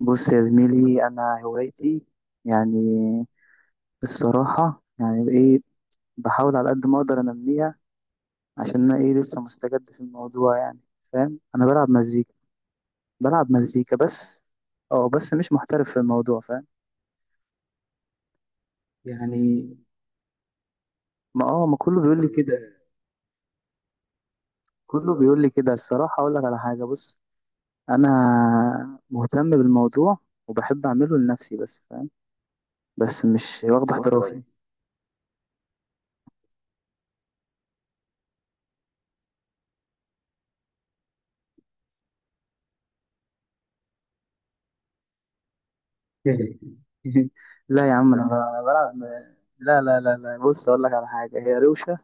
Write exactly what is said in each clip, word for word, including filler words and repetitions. بص يا زميلي، انا هوايتي يعني الصراحه يعني ايه؟ بحاول على قد ما اقدر انميها عشان انا ايه لسه مستجد في الموضوع يعني، فاهم؟ انا بلعب مزيكا بلعب مزيكا بس. اه بس مش محترف في الموضوع، فاهم؟ يعني ما اه ما كله بيقول لي كده. كله بيقول لي كده الصراحه. اقول لك على حاجه، بص، انا مهتم بالموضوع وبحب اعمله لنفسي بس، فاهم؟ بس مش واخد احترافي. لا يا عم، انا ب- بلعب. لا لا لا لا، بص اقول لك على حاجه، هي روشه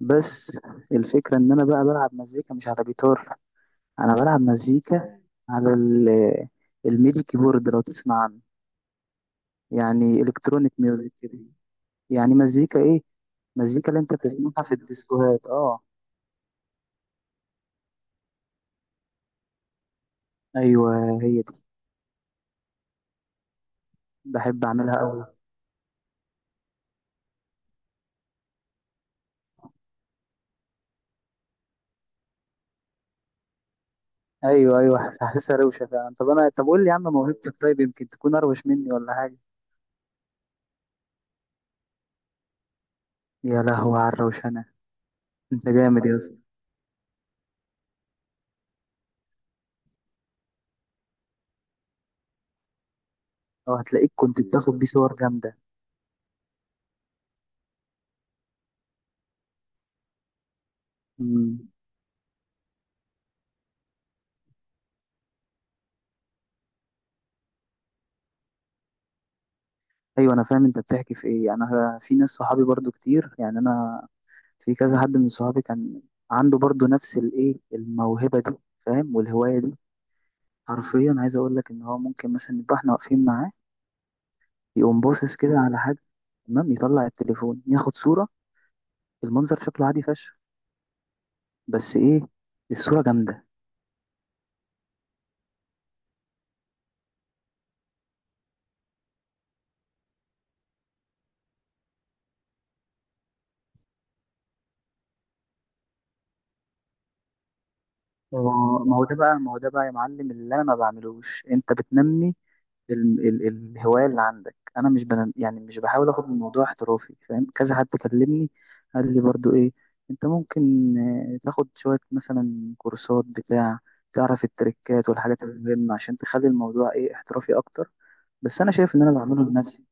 بس. الفكره ان انا بقى بلعب مزيكا مش على جيتار. انا بلعب مزيكا على ال- الميدي كيبورد، لو تسمع عنه، يعني الكترونيك ميوزك كده. يعني مزيكا ايه؟ مزيكا اللي انت بتسمعها في الديسكوهات. اه، ايوه هي دي. بحب اعملها قوي. ايوه ايوه حاسسها روشه فعلا. طب انا، طب قول لي يا عم، موهبتك طيب يمكن تكون اروش مني ولا حاجه؟ يا لهوي على الروشنه، انت جامد. اه، هتلاقيك كنت بتاخد بيه صور جامدة. مم. ايوه، انا فاهم انت بتحكي في ايه، يعني انا في ناس صحابي برضو كتير، يعني انا في كذا حد من صحابي كان عنده برضو نفس الايه الموهبة دي، فاهم؟ والهواية دي حرفيا عايز اقول لك ان هو ممكن مثلا نبقى احنا واقفين معاه، يقوم باصص كده على حاجة، تمام، يطلع التليفون ياخد صورة. المنظر شكله عادي فشخ، بس ايه، الصورة جامدة. ما هو ما هو ده بقى، ما هو ده بقى يا معلم، اللي انا ما بعملوش انت بتنمي ال ال الهواية اللي عندك. أنا مش بن يعني مش بحاول آخد الموضوع احترافي، فاهم؟ كذا حد كلمني قال لي برضو إيه؟ أنت ممكن آه، تاخد شوية مثلا كورسات بتاع تعرف التريكات والحاجات المهمة عشان تخلي الموضوع إيه احترافي أكتر. بس أنا شايف إن أنا بعمله لنفسي.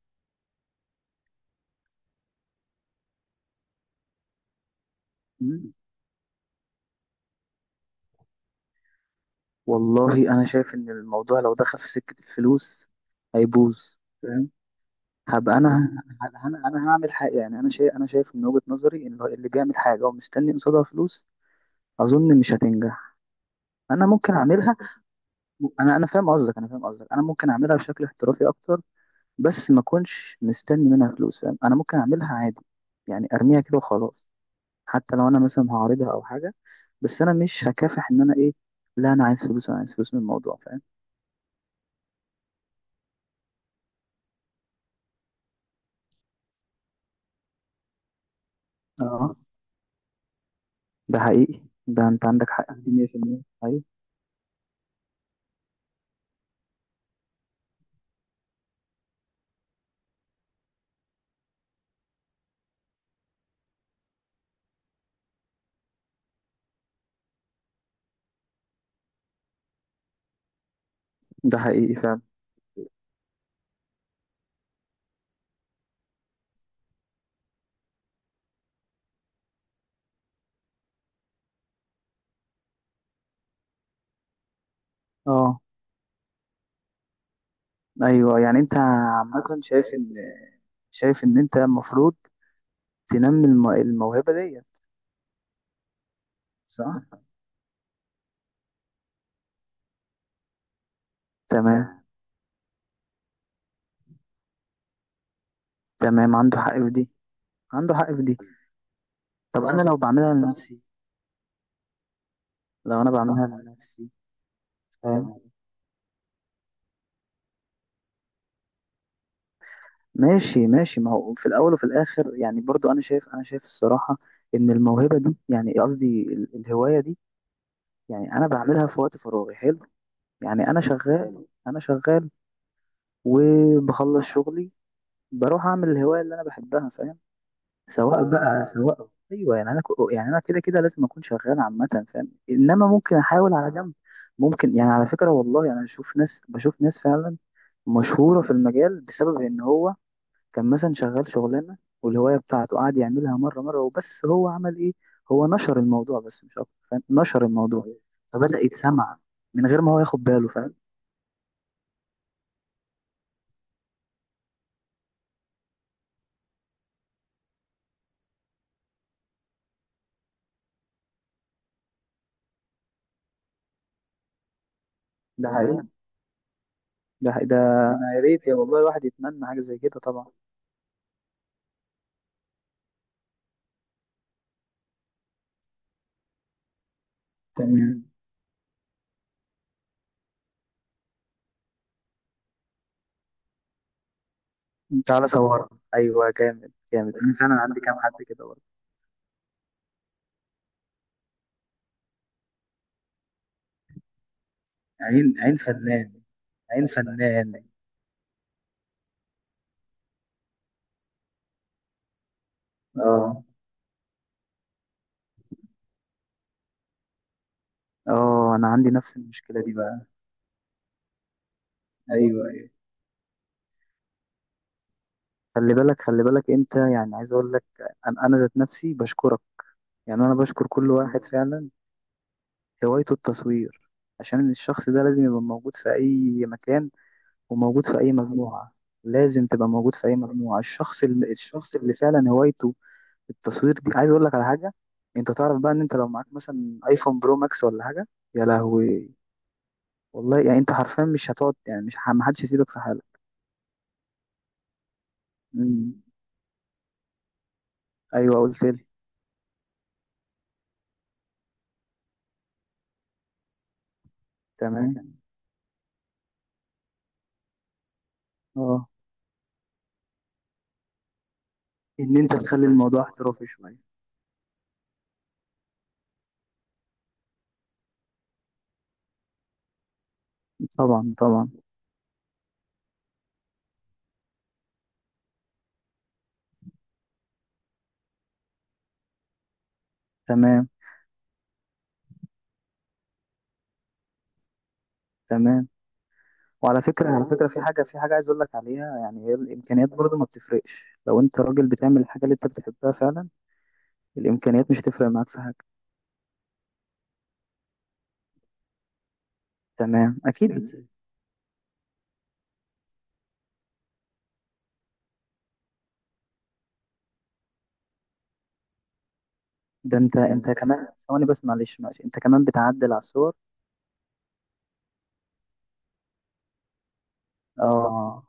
م? والله أنا شايف إن الموضوع لو دخل في سكة الفلوس هيبوظ، فاهم؟ هبقى انا انا انا هعمل حاجه. يعني انا شايف، انا شايف من وجهه نظري ان اللي بيعمل حاجه ومستني قصادها فلوس اظن مش هتنجح. انا ممكن اعملها. انا انا فاهم قصدك انا فاهم قصدك، انا ممكن اعملها بشكل احترافي اكتر، بس ما اكونش مستني منها فلوس، فاهم؟ انا ممكن اعملها عادي، يعني ارميها كده وخلاص. حتى لو انا مثلا هعرضها او حاجه، بس انا مش هكافح ان انا ايه، لا انا عايز فلوس، انا عايز فلوس من الموضوع، فاهم؟ اه، ده حقيقي. ده انت عندك حق فيه مية في مية في المية. ايوه ده حقيقي فعلا. اه ايوه، يعني انت عامه شايف ان، شايف ان انت المفروض تنمي الم- الموهبه دي. صح. تمام تمام، عنده حق في دي، عنده حق في دي. طب انا لو بعملها لنفسي لو انا بعملها لنفسي، فاهم؟ ماشي ماشي، ما هو في الاول وفي الاخر يعني، برضو انا شايف، انا شايف الصراحه ان الموهبه دي، يعني قصدي ال- الهوايه دي، يعني انا بعملها في وقت فراغي حلو. يعني انا شغال انا شغال وبخلص شغلي بروح اعمل الهوايه اللي انا بحبها، فاهم؟ سواء بقى سواء، ايوه يعني انا كو- يعني انا كده كده لازم اكون شغال عامه، فاهم؟ انما ممكن احاول على جنب. ممكن يعني، على فكره والله يعني اشوف ناس بشوف ناس فعلا مشهوره في المجال بسبب ان هو كان مثلا شغال شغلانه والهوايه بتاعته قعد يعملها مره مره، وبس هو عمل ايه؟ هو نشر الموضوع بس مش اكتر، فاهم؟ نشر الموضوع فبدا يتسمع من غير ما هو ياخد باله، فاهم؟ ده حقيقي، ده حقيقي. ده انا يا ريت، يا والله الواحد يتمنى حاجه زي كده. طبعا. تعالى صور، ايوه جامد جامد. انا فعلا عندي كام حد كده برضه. عين عين فنان، عين فنان. اه. اه انا عندي نفس المشكله دي بقى. ايوه ايوه، خلي بالك، خلي بالك انت، يعني عايز اقول لك، انا انا ذات نفسي بشكرك. يعني انا بشكر كل واحد فعلا هوايته التصوير عشان الشخص ده لازم يبقى موجود في اي مكان وموجود في اي مجموعه. لازم تبقى موجود في اي مجموعه. الشخص اللي الشخص اللي فعلا هوايته التصوير دي. عايز اقول لك على حاجه، انت تعرف بقى ان انت لو معاك مثلا ايفون برو ماكس ولا حاجه، يا لهوي، والله يعني انت حرفيا مش هتقعد، يعني مش ه- محدش يسيبك في حالك. مم. ايوه قلت لي. تمام. اه، ان انت تخلي الموضوع احترافي شويه. طبعا طبعا. تمام تمام. وعلى فكره على فكره، في حاجه في حاجه عايز اقول لك عليها، يعني هي الامكانيات برضو ما بتفرقش. لو انت راجل بتعمل الحاجه اللي انت بتحبها فعلا الامكانيات مش تفرق معاك في حاجه. تمام اكيد. ده انت انت كمان، ثواني بس، معلش معلش، انت كمان بتعدل على الصور. اه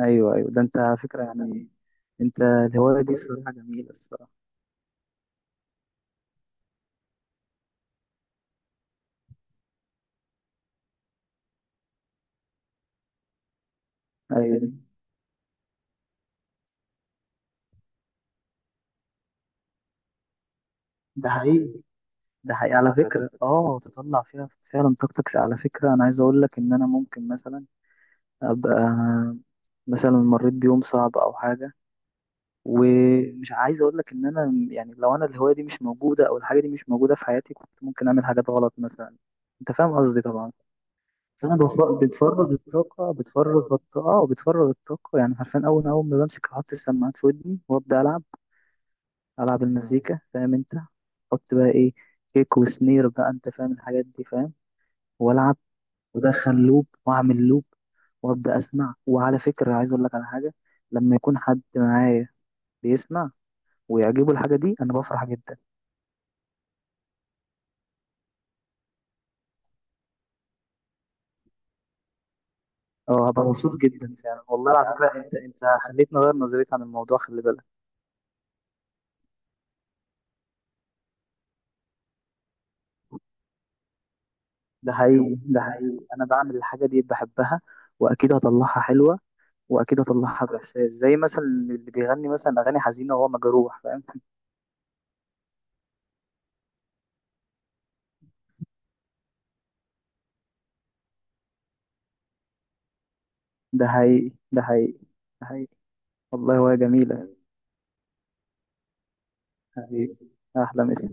ايوه ايوه. ده انت على فكره يعني انت الهوايه دي الصراحه جميله، الصراحه. ايوه ده حقيقي، ده حقيقي على فكره. اه، تطلع فيها فعلا طاقتك. على فكره انا عايز اقول لك ان انا ممكن مثلا ابقى مثلا مريت بيوم صعب او حاجه، ومش عايز اقول لك ان انا يعني لو انا الهوايه دي مش موجوده او الحاجه دي مش موجوده في حياتي كنت ممكن اعمل حاجات غلط مثلا. انت فاهم قصدي طبعا. انا بف- بتفرغ الطاقه، بتفرغ الطاقه، وبتفرغ الطاقه، يعني عارفين اول اول ما بمسك احط السماعات في ودني وابدا العب. العب المزيكا، فاهم انت؟ احط بقى ايه، كيك وسنير بقى، انت فاهم الحاجات دي، فاهم؟ والعب وادخل لوب واعمل لوب، وابدا اسمع. وعلى فكره عايز اقول لك على حاجه، لما يكون حد معايا بيسمع ويعجبه الحاجه دي انا بفرح جدا. اه، هبقى مبسوط جدا فعلا والله. على فكره انت انت خليتني اغير نظريتي عن الموضوع، خلي بالك. ده حقيقي ده حقيقي، انا بعمل الحاجه دي بحبها واكيد هطلعها حلوه، واكيد هطلعها باحساس، زي مثلا اللي بيغني مثلا اغاني حزينه وهو مجروح، فاهم؟ ده حقيقي ده حقيقي ده حقيقي. والله وهي جميله. حقيقي. احلى مسا.